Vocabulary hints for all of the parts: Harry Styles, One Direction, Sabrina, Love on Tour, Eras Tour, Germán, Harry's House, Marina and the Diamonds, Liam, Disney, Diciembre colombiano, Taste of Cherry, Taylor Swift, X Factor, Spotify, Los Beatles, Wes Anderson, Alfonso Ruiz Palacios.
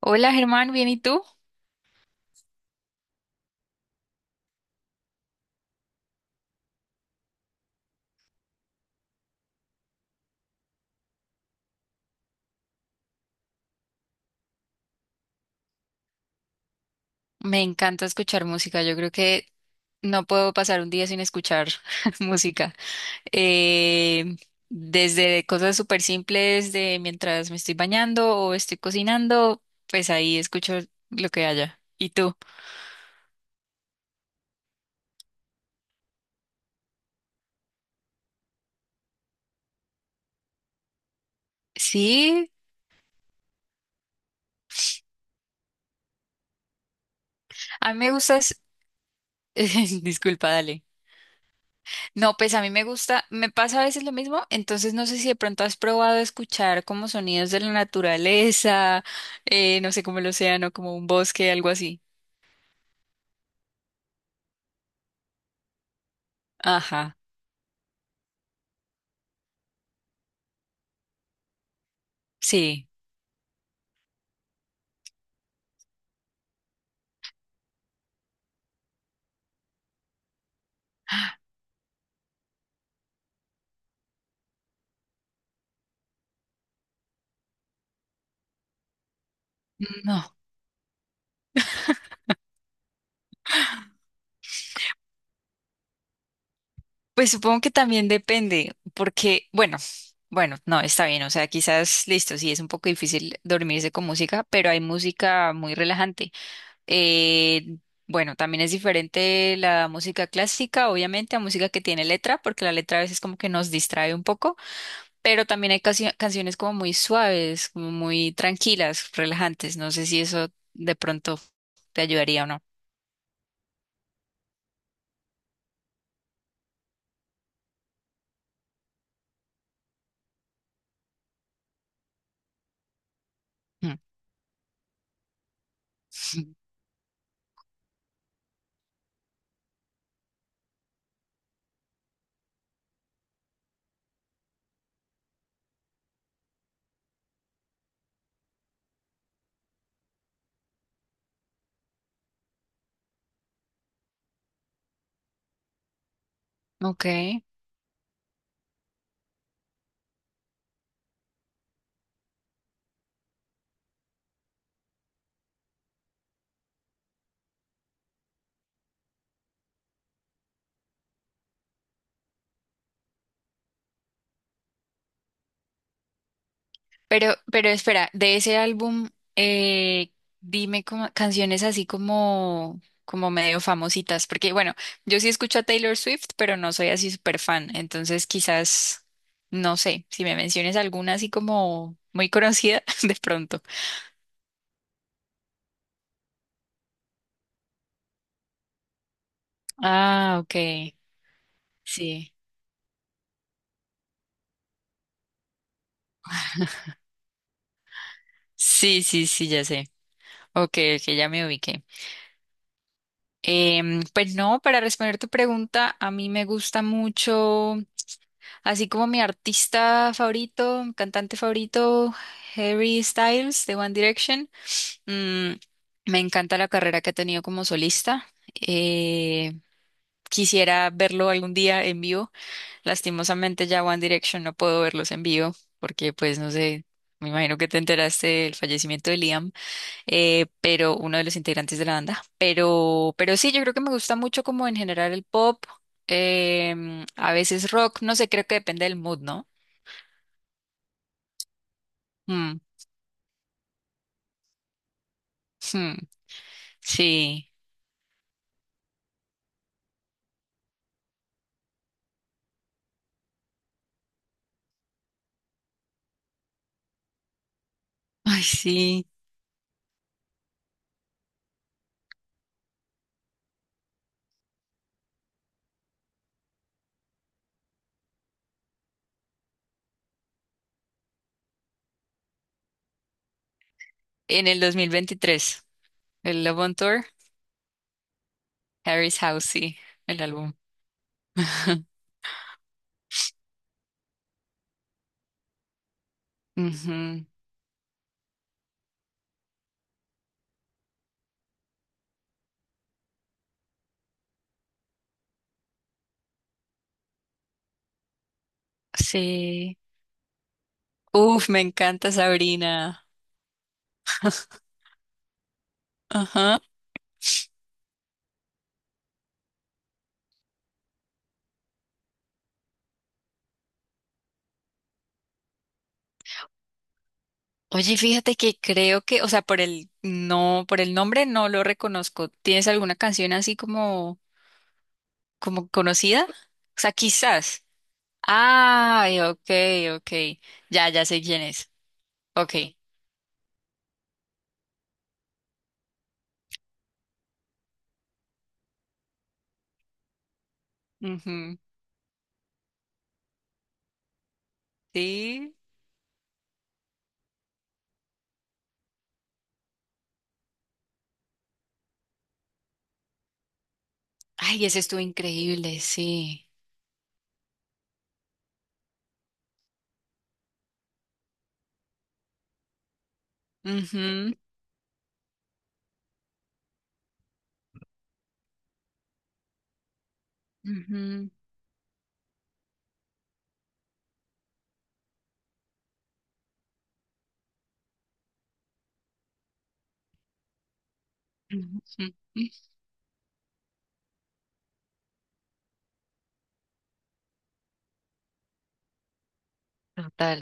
Hola Germán, ¿bien y tú? Me encanta escuchar música, yo creo que no puedo pasar un día sin escuchar música. Eh, Desde cosas súper simples de mientras me estoy bañando o estoy cocinando, pues ahí escucho lo que haya. ¿Y tú? Sí, a mí me gustas... Disculpa, dale. No, pues a mí me gusta, me pasa a veces lo mismo, entonces no sé si de pronto has probado escuchar como sonidos de la naturaleza, no sé, como el océano, como un bosque, algo así. Ajá, sí, no, pues supongo que también depende, porque, bueno, bueno, no, está bien, o sea, quizás, listo, sí es un poco difícil dormirse con música, pero hay música muy relajante. Eh, bueno, también es diferente la música clásica, obviamente, a música que tiene letra, porque la letra a veces como que nos distrae un poco, pero también hay canciones como muy suaves, como muy tranquilas, relajantes, no sé si eso de pronto te ayudaría o no. Mm. Ok. Pero espera, de ese álbum, eh, dime canciones así como, como medio famositas, porque bueno, yo sí escucho a Taylor Swift, pero no soy así súper fan, entonces quizás, no sé, si me menciones alguna así como muy conocida, de pronto. Ah, ok, sí. Sí, sí, sí, ya sé. Ok, ok, ya me ubiqué. Pues no, para responder tu pregunta, a mí me gusta mucho. Así como mi artista favorito, mi cantante favorito, Harry Styles de One Direction. Mm, me encanta la carrera que ha tenido como solista. Eh, Quisiera verlo algún día en vivo. Lastimosamente ya One Direction no puedo verlos en vivo porque pues no sé, me imagino que te enteraste del fallecimiento de Liam, pero uno de los integrantes de la banda. Pero sí, yo creo que me gusta mucho como en general el pop. A veces rock, no sé, creo que depende del mood, ¿no? Mm, hmm, sí. Ay, sí. En el 2023, el Love on Tour, Harry's House, sí, el álbum. Ujú, sí. Uf, me encanta Sabrina. Ajá. Oye, fíjate que creo que, o sea, por el nombre no lo reconozco. ¿Tienes alguna canción así como, como conocida? O sea, quizás. Ay, ok, ok. Ya, ya sé quién es. Ok. Ujú, sí. Ay, ese estuvo increíble, sí. Ujú, ujú, ujú, ujú. Total.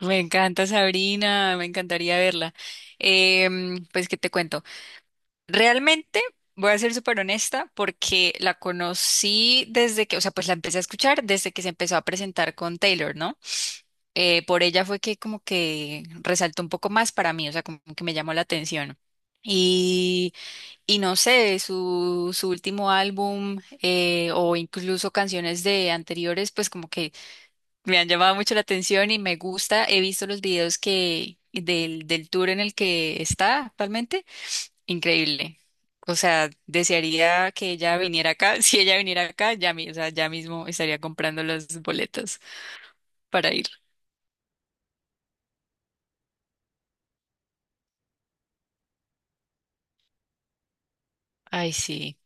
Me encanta Sabrina, me encantaría verla. Pues, ¿qué te cuento? Realmente voy a ser súper honesta porque la conocí desde que, o sea, pues la empecé a escuchar desde que se empezó a presentar con Taylor, ¿no? Por ella fue que como que resaltó un poco más para mí, o sea, como que me llamó la atención. y Y no sé, su último álbum o incluso canciones de anteriores, pues como que me han llamado mucho la atención y me gusta. He visto los videos que del tour en el que está actualmente. Increíble. O sea, desearía que ella viniera acá. Si ella viniera acá, ya, o sea, ya mismo estaría comprando los boletos para ir. Ay, sí,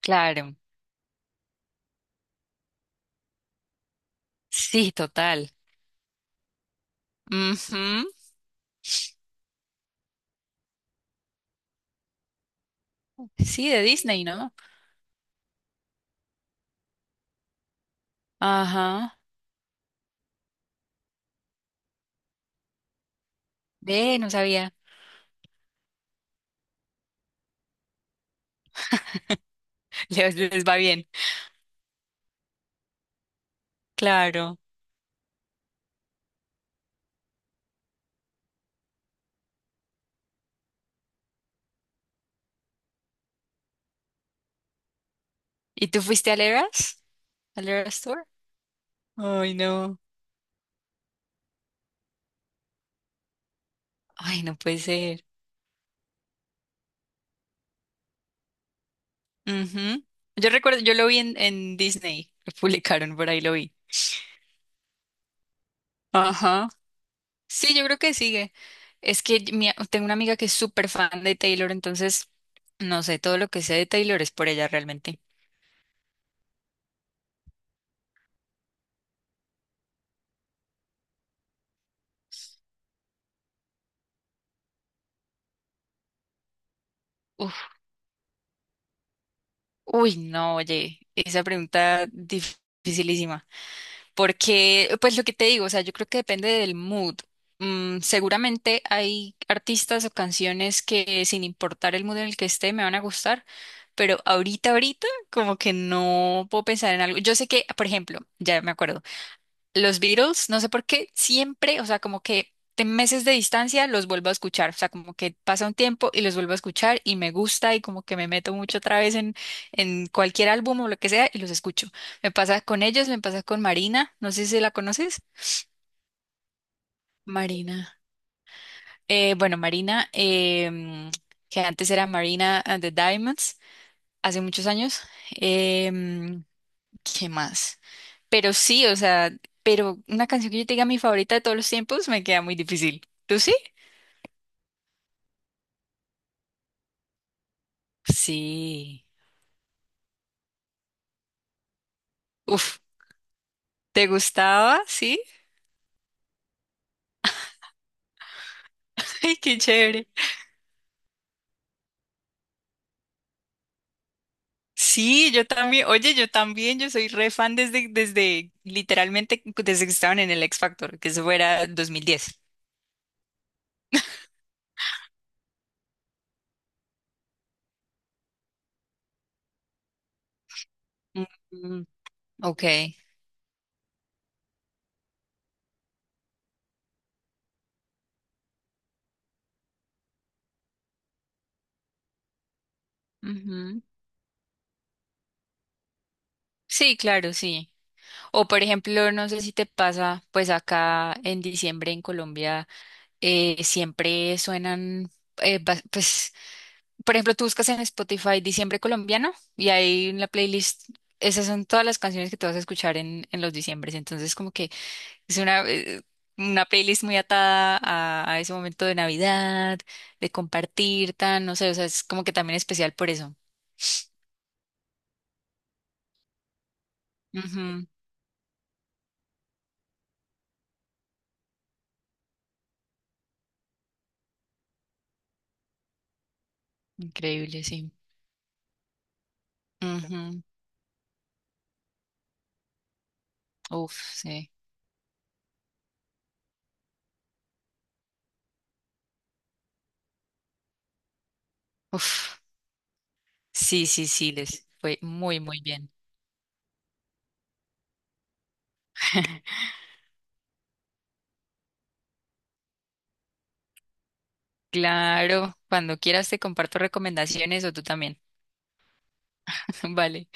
claro. Sí, total. Ujú. Sí, de Disney, ¿no? Ajá. Ve, no sabía. Les va bien, claro. ¿Y tú fuiste al Eras? ¿Al Eras Tour? Ay, no. Ay, no puede ser. Ujú. Yo recuerdo, yo lo vi en Disney, lo publicaron, por ahí lo vi. Ajá. Sí, yo creo que sigue. Es que tengo una amiga que es súper fan de Taylor, entonces no sé, todo lo que sé de Taylor es por ella realmente. Uf. Uy, no, oye, esa pregunta dificilísima. Porque, pues lo que te digo, o sea, yo creo que depende del mood. Mm, seguramente hay artistas o canciones que sin importar el mood en el que esté me van a gustar, pero ahorita, como que no puedo pensar en algo. Yo sé que, por ejemplo, ya me acuerdo. Los Beatles, no sé por qué, siempre, o sea, como que de meses de distancia los vuelvo a escuchar, o sea, como que pasa un tiempo y los vuelvo a escuchar y me gusta y como que me meto mucho otra vez en cualquier álbum o lo que sea y los escucho. Me pasa con ellos, me pasa con Marina, no sé si la conoces. Marina. Bueno, Marina, que antes era Marina and the Diamonds, hace muchos años. Em, ¿Qué más? Pero sí, o sea, pero una canción que yo te diga mi favorita de todos los tiempos me queda muy difícil. ¿Tú sí? Sí. Uf, ¿te gustaba? Sí. Ay, qué chévere. Sí, yo también. Oye, yo también, yo soy re fan literalmente, desde que estaban en el X Factor, que eso fuera 2010. Mm, ok. Ujú. Sí, claro, sí. O por ejemplo, no sé si te pasa, pues acá en diciembre en Colombia. Siempre suenan, pues, por ejemplo, tú buscas en Spotify Diciembre colombiano y ahí en la playlist, esas son todas las canciones que tú vas a escuchar en los diciembres. Entonces, como que es una playlist muy atada a ese momento de Navidad, de compartir, tan, no sé, o sea, es como que también especial por eso. Ujú, increíble, sí. Ujú, uf, sí. Uf, sí, sí, sí, les fue muy, muy bien. Claro, cuando quieras te comparto recomendaciones o tú también. Vale.